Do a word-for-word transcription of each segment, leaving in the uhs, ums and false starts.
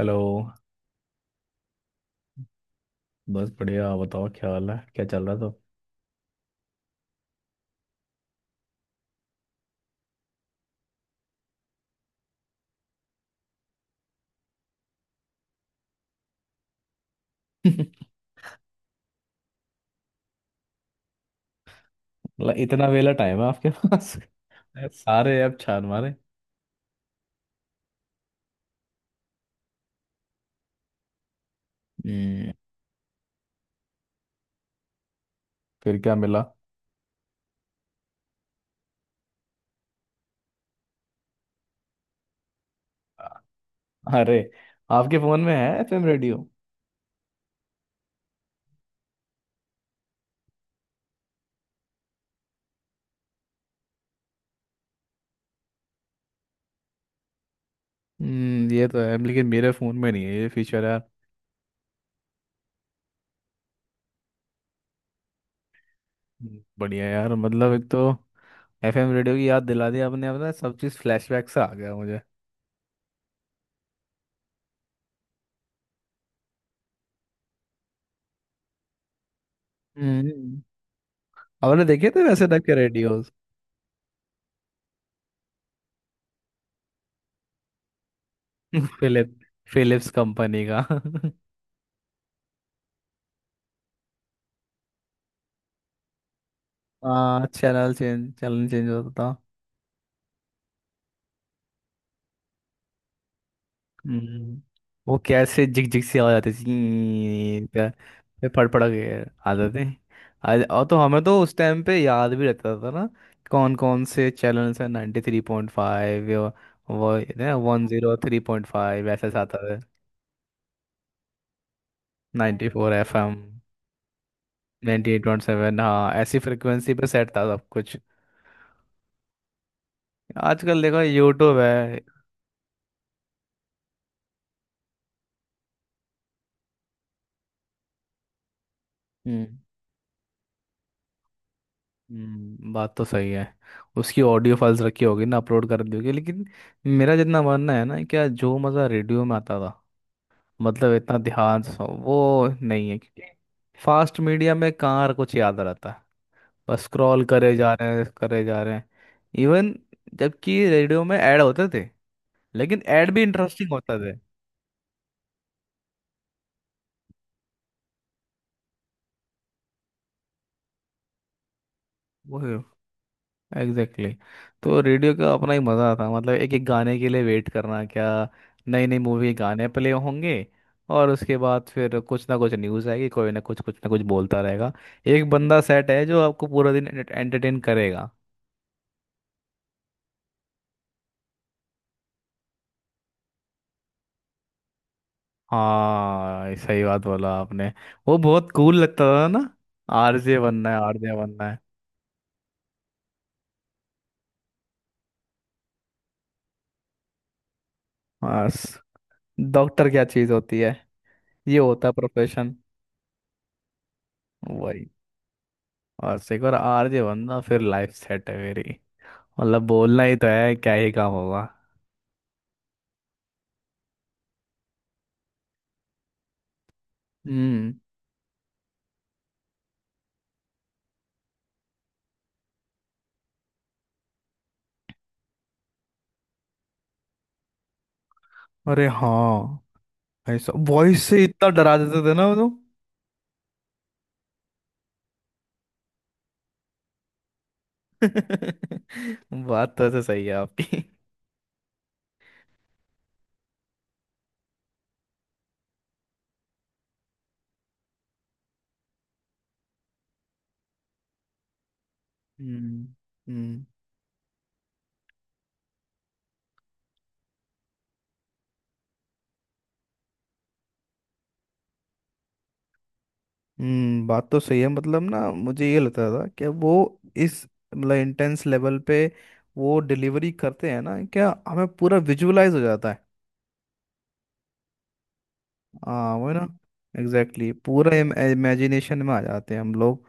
Hello. बस बढ़िया, बताओ क्या हाल है, क्या चल रहा था? मतलब इतना वेला टाइम है आपके पास? सारे ऐप छान मारे। हम्म। फिर क्या मिला? अरे, आपके फोन में है एफएम रेडियो? हम्म, ये तो है लेकिन मेरे फोन में नहीं है ये फीचर यार। हम्म, बढ़िया यार, मतलब एक तो एफएम रेडियो की याद दिला दी आपने, अपना सब चीज़ फ्लैशबैक से आ गया मुझे। हम्म। आपने देखे थे वैसे टाइप के रेडियोस? फिलिप फिलिप्स कंपनी का हाँ, चैनल चेंज चैनल चेंज होता था। हम्म, वो कैसे झिक झिक सी आवाज आती थी क्या? फिर फड़ फड़ के आ जाते। आज और तो हमें तो उस टाइम पे याद भी रहता था ना कौन कौन से चैनल्स हैं। नाइन्टी थ्री पॉइंट फाइव, वो one zero three point five, ऐसे से आता है। Ninety four F M, ninety eight point seven, हाँ ऐसी फ्रिक्वेंसी पे सेट था सब कुछ। आजकल देखो यूट्यूब है। हम्म। हम्म, बात तो सही है। उसकी ऑडियो फाइल्स रखी होगी ना, अपलोड कर दी होगी, लेकिन मेरा जितना मानना है ना क्या, जो मज़ा रेडियो में आता था, मतलब इतना ध्यान से सुनो, वो नहीं है, क्योंकि फास्ट मीडिया में कहाँ कुछ याद रहता है, बस स्क्रॉल करे जा रहे हैं, करे जा रहे हैं। इवन जबकि रेडियो में ऐड होते थे, लेकिन ऐड भी इंटरेस्टिंग होता थे। Exactly exactly। तो रेडियो का अपना ही मज़ा था, मतलब एक एक गाने के लिए वेट करना, क्या नई नई मूवी के गाने प्ले होंगे, और उसके बाद फिर कुछ ना कुछ न्यूज़ आएगी, कोई ना कुछ कुछ ना कुछ बोलता रहेगा। एक बंदा सेट है जो आपको पूरा दिन एंटरटेन करेगा। हाँ, सही बात बोला आपने, वो बहुत कूल लगता था ना। आरजे बनना है, आरजे बनना है। बस, डॉक्टर क्या चीज़ होती है, ये होता है प्रोफेशन। वही, बस एक बार आरजे बनना, फिर लाइफ सेट है मेरी। मतलब बोलना ही तो है, क्या ही काम होगा। हम्म। अरे हाँ, ऐसा वॉइस से इतना डरा देते थे ना वो तो। बात तो ऐसे सही है आपकी। हम्म। हम्म। हम्म, बात तो सही है, मतलब ना मुझे ये लगता था कि वो इस मतलब इंटेंस लेवल पे वो डिलीवरी करते हैं ना क्या, हमें पूरा विजुअलाइज हो जाता है। हाँ वो है ना, एग्जैक्टली exactly, पूरा इमेजिनेशन में आ जाते हैं हम लोग।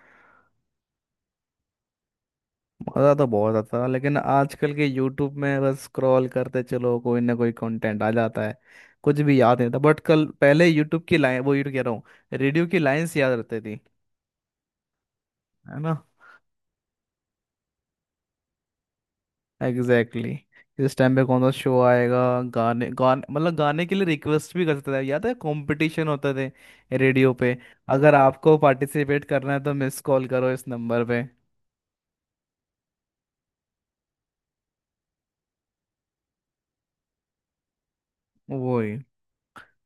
मज़ा तो बहुत आता था, लेकिन आजकल के यूट्यूब में बस स्क्रॉल करते चलो, कोई ना कोई कंटेंट आ जाता है, कुछ भी याद नहीं। था बट कल पहले यूट्यूब की लाइन, वो यूट्यूब कह रहा हूँ, रेडियो की लाइंस याद रहती थी, है ना। Exactly exactly। इस टाइम पे कौन सा शो आएगा, गाने गाने, मतलब गाने के लिए रिक्वेस्ट भी करते थे, याद है कंपटीशन होते थे रेडियो पे, अगर आपको पार्टिसिपेट करना है तो मिस कॉल करो इस नंबर पे। वही,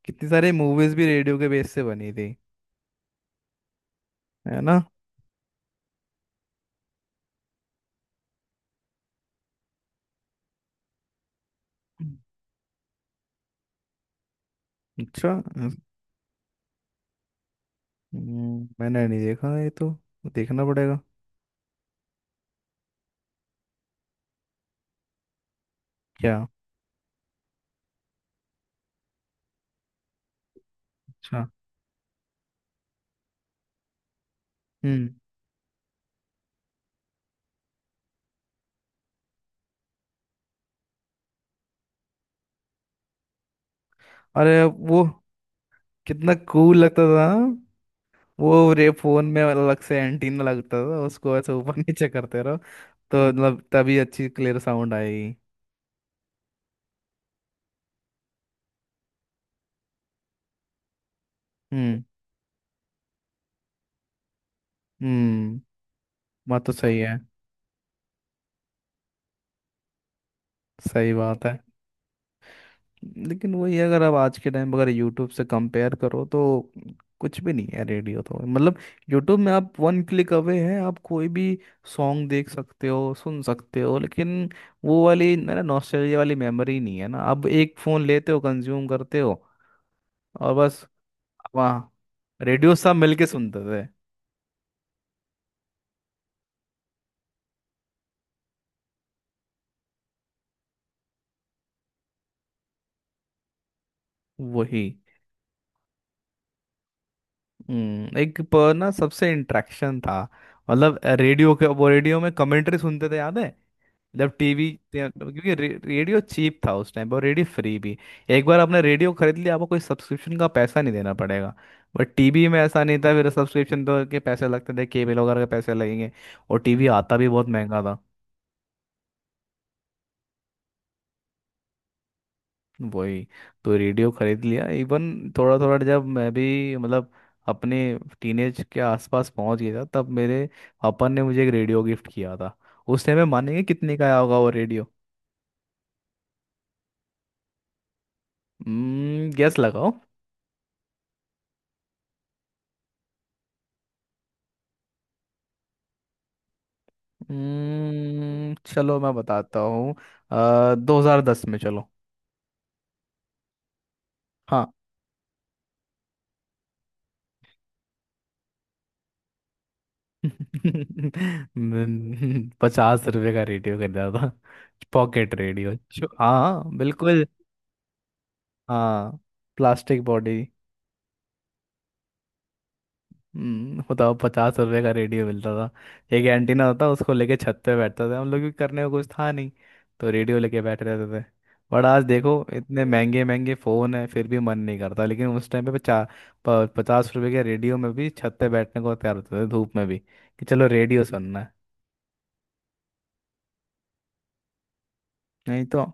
कितनी सारी मूवीज भी रेडियो के बेस से बनी थी, है ना। अच्छा। हम्म, मैंने नहीं देखा ये तो, देखना पड़ेगा। क्या अच्छा। हम्म। अरे वो कितना कूल लगता था ना? वो रे फोन में अलग से एंटीना लगता था, उसको ऐसे ऊपर नीचे करते रहो तो मतलब तभी अच्छी क्लियर साउंड आएगी। हम्म। हम्म, बात तो सही है। सही बात है, लेकिन वही है, अगर आप आज के टाइम अगर यूट्यूब से कंपेयर करो तो कुछ भी नहीं है रेडियो तो, मतलब यूट्यूब में आप वन क्लिक अवे हैं, आप कोई भी सॉन्ग देख सकते हो, सुन सकते हो, लेकिन वो वाली मेरा नॉस्टैल्जिया वाली मेमोरी नहीं है ना, अब एक फ़ोन लेते हो, कंज्यूम करते हो, और बस। वहाँ रेडियो सब मिलके सुनते थे। वही। हम्म, एक पर ना सबसे इंटरेक्शन था, मतलब रेडियो के वो रेडियो में कमेंट्री सुनते थे, याद है, जब टीवी क्योंकि रे, रेडियो चीप था उस टाइम पर, और रेडियो फ्री भी। एक बार आपने रेडियो खरीद लिया, आपको कोई सब्सक्रिप्शन का पैसा नहीं देना पड़ेगा, बट टीवी में ऐसा नहीं था, फिर सब्सक्रिप्शन तो के पैसे लगते थे, केबल वगैरह के पैसे लगेंगे। और टीवी आता भी बहुत महंगा था। वही, तो रेडियो खरीद लिया। इवन थोड़ा थोड़ा जब मैं भी मतलब अपने टीनेज के आसपास पहुंच गया था, तब मेरे पापा ने मुझे एक रेडियो गिफ्ट किया था। उस टाइम में मानेंगे कितने का आया होगा वो रेडियो। हम्म, गेस लगाओ। हम्म, चलो मैं बताता हूँ, दो हजार दस में, चलो। हाँ। पचास रुपए का रेडियो खरीदा था, पॉकेट रेडियो। हाँ बिल्कुल। हाँ, प्लास्टिक बॉडी। हम्म, बताओ, पचास रुपए का रेडियो मिलता था। एक एंटीना होता, उसको लेके छत पे बैठता था, हम लोग भी करने को कुछ था नहीं तो रेडियो लेके बैठ रहते थे। बट आज देखो इतने महंगे महंगे फ़ोन है फिर भी मन नहीं करता, लेकिन उस टाइम पे पचा, प, पचास रुपए के रेडियो में भी छत पे बैठने को तैयार होते थे, धूप में भी, कि चलो रेडियो सुनना है। नहीं तो।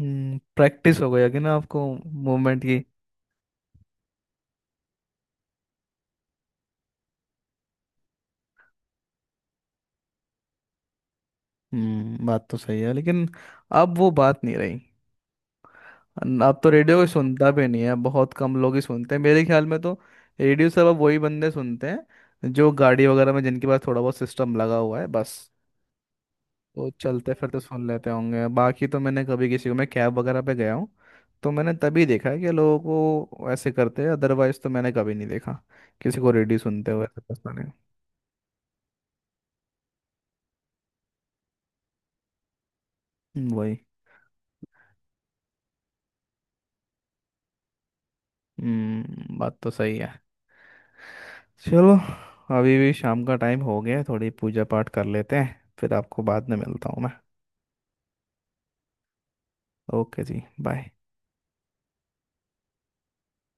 हम्म, प्रैक्टिस हो गया कि ना आपको, मूवमेंट की। हम्म, बात तो सही है, लेकिन अब वो बात नहीं रही। न- अब तो रेडियो कोई सुनता भी नहीं है, बहुत कम लोग ही सुनते हैं मेरे ख्याल में तो। रेडियो सब अब वही बंदे सुनते हैं जो गाड़ी वगैरह में, जिनके पास थोड़ा बहुत सिस्टम लगा हुआ है बस। वो चलते फिरते सुन लेते होंगे, बाकी तो मैंने कभी किसी को, मैं कैब वगैरह पे गया हूँ तो मैंने तभी देखा है कि लोगों को ऐसे करते हैं, अदरवाइज तो मैंने कभी नहीं देखा किसी को रेडियो सुनते हुए ऐसे, पता नहीं। हम्म, वही। हम्म, बात तो सही है। चलो, अभी भी शाम का टाइम हो गया है, थोड़ी पूजा पाठ कर लेते हैं, फिर आपको बाद में मिलता हूँ मैं। ओके जी, बाय।